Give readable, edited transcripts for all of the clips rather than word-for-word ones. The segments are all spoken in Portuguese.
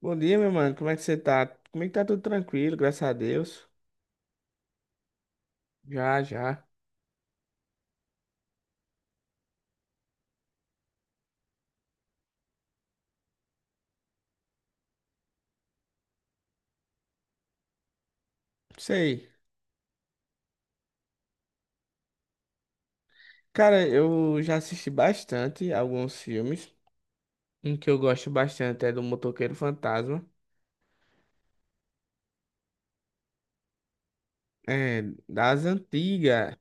Bom dia, meu mano. Como é que você tá? Como é que tá tudo tranquilo, graças a Deus? Já, já. Sei. Cara, eu já assisti bastante alguns filmes. Um que eu gosto bastante é do Motoqueiro Fantasma. É, das antigas.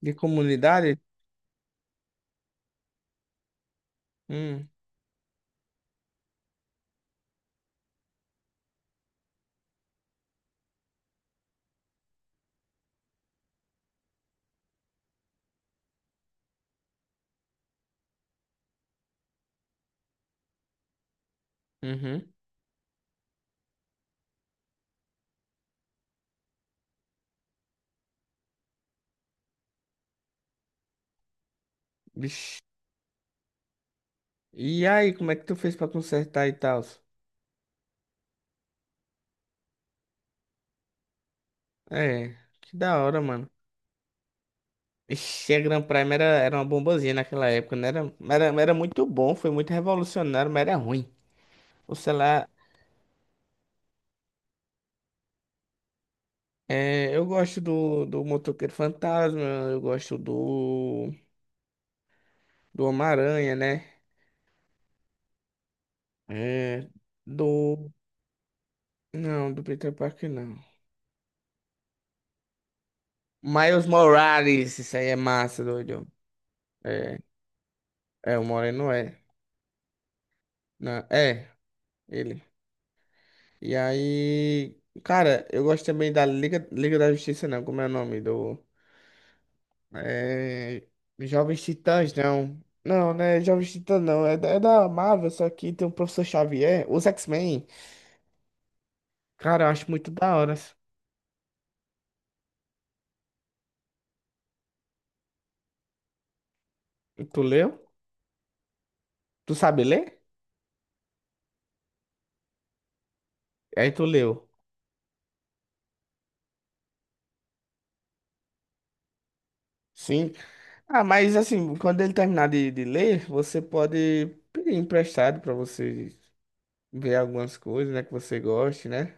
De comunidade? Hum, uhum. Vixe. E aí, como é que tu fez pra consertar e tal? É, que da hora, mano. Ixi, a Grand Prime era uma bombazinha naquela época, né? Era muito bom, foi muito revolucionário, mas era ruim. O celular. É, eu gosto do Motoqueiro Fantasma, eu gosto do Homem-Aranha, né? É, do. Não, do Peter Parker não. Miles Morales, isso aí é massa, doido. É, é o Moreno é. Não, é, ele. E aí. Cara, eu gosto também da Liga da Justiça, não, como é o nome? Do. É, Jovens Titãs, não. Não, né? Jovens Titãs não. É, é da Marvel, só que tem o Professor Xavier, os X-Men. Cara, eu acho muito da hora. E tu leu? Tu sabe ler? Aí tu leu. Sim. Ah, mas assim, quando ele terminar de ler, você pode pedir emprestado pra você ver algumas coisas, né, que você goste, né?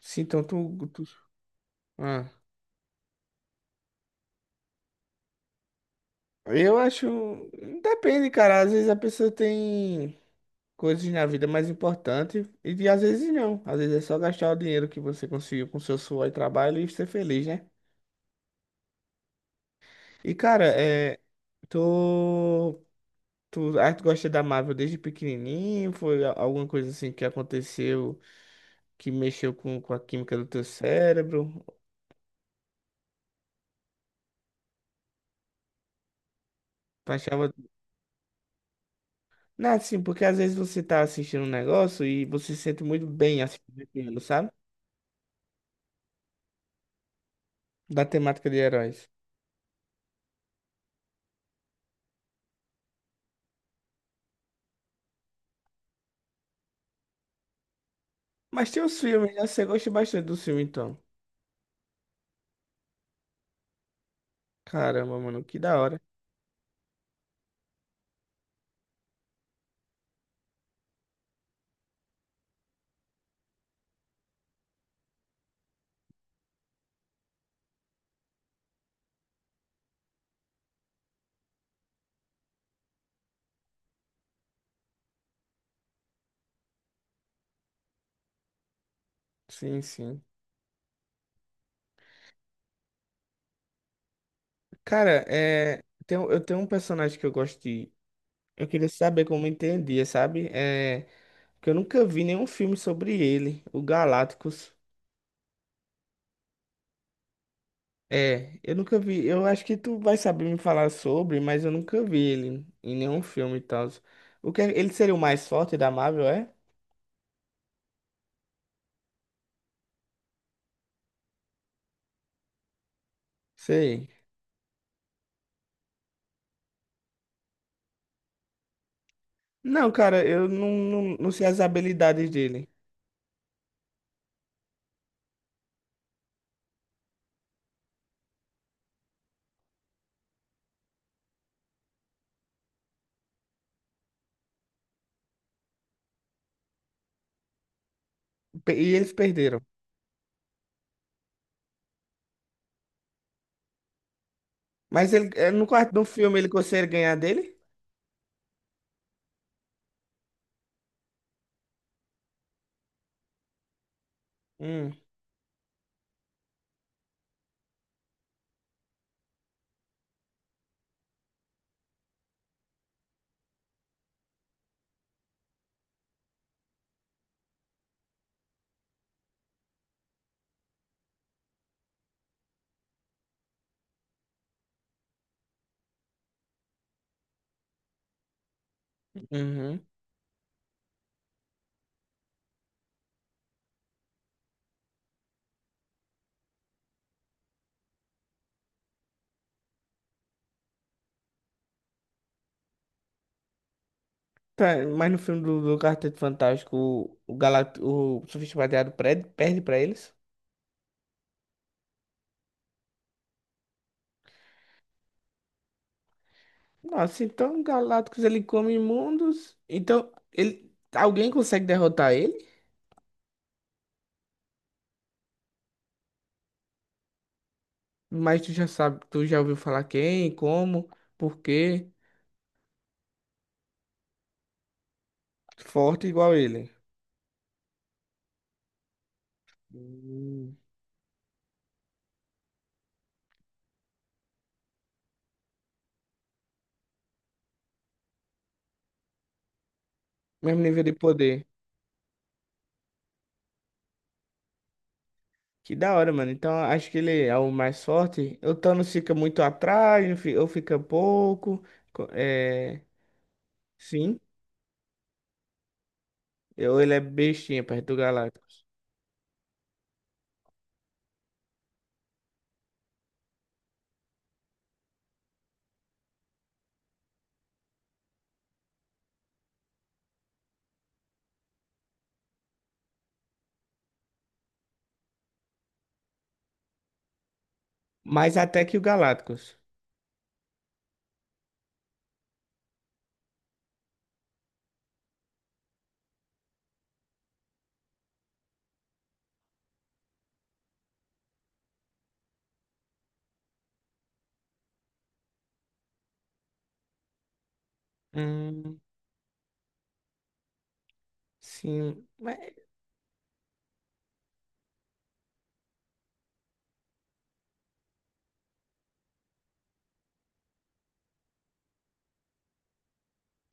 Sim, então tu... Ah. Eu acho. Depende, cara. Às vezes a pessoa tem coisas na vida mais importantes e às vezes não. Às vezes é só gastar o dinheiro que você conseguiu com seu suor e trabalho e ser feliz, né? E, cara, é. Tu. Tu gosta da Marvel desde pequenininho? Foi alguma coisa assim que aconteceu que mexeu com a química do teu cérebro? Tu achava... Não, assim, porque às vezes você tá assistindo um negócio e você se sente muito bem assistindo aquilo, sabe? Da temática de heróis. Mas tem os filmes, né? Você gosta bastante do filme, então. Caramba, mano, que da hora. Sim, sim. Cara, é... eu tenho um personagem que eu gosto de... Eu queria saber como entendia, sabe? É... Porque eu nunca vi nenhum filme sobre ele, o Galácticos. É, eu nunca vi. Eu acho que tu vai saber me falar sobre, mas eu nunca vi ele em nenhum filme e tal. Ele seria o mais forte da Marvel, é? Sei. Não, cara, eu não sei as habilidades dele. E eles perderam. Mas ele, é, no quarto do filme ele consegue ganhar dele? Hum, uhum. Tá, mas no filme do Quarteto Fantástico, Galact o Surfista Prateado perde, perde pra eles? Nossa, então Galactus ele come mundos. Então, ele, alguém consegue derrotar ele? Mas tu já sabe, tu já ouviu falar quem, como, por quê? Forte igual ele. Hum. Mesmo nível de poder. Que da hora, mano. Então acho que ele é o mais forte. O Thanos fica muito atrás, ou fica pouco. É... Sim, eu, ele é bestinha perto do Galactus. Mais até que o Galactus. Hum, sim, mas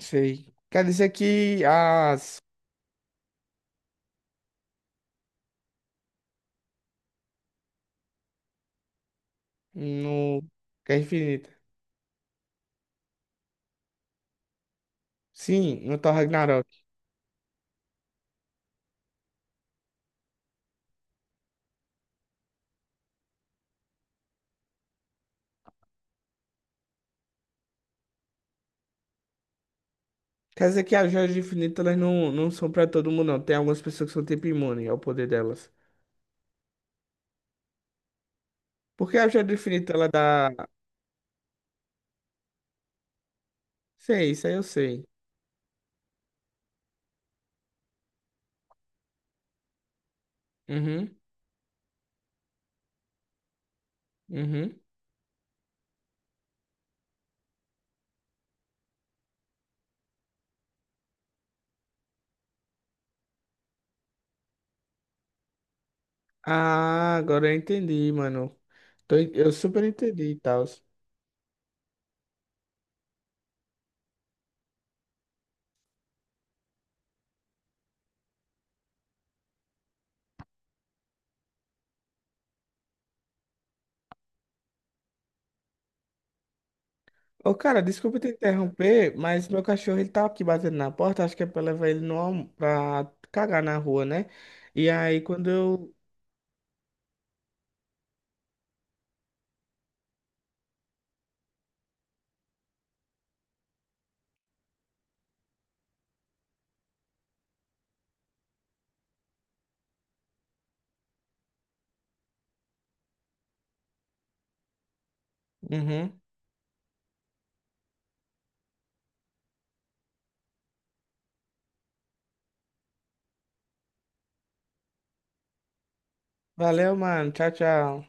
sei. Quer dizer que as. No. Guerra Infinita. Sim, no Thor Ragnarok. Quer dizer que as joias do infinito elas não são pra todo mundo, não. Tem algumas pessoas que são tipo imune ao poder delas. Porque a joia do infinito ela dá. Sei, isso aí eu sei. Uhum, uhum. Ah, agora eu entendi, mano. Eu super entendi e tal. Ô, cara, desculpa te interromper, mas meu cachorro ele tá aqui batendo na porta. Acho que é pra levar ele no, pra cagar na rua, né? E aí quando eu. Uhum. Valeu, mano. Tchau, tchau.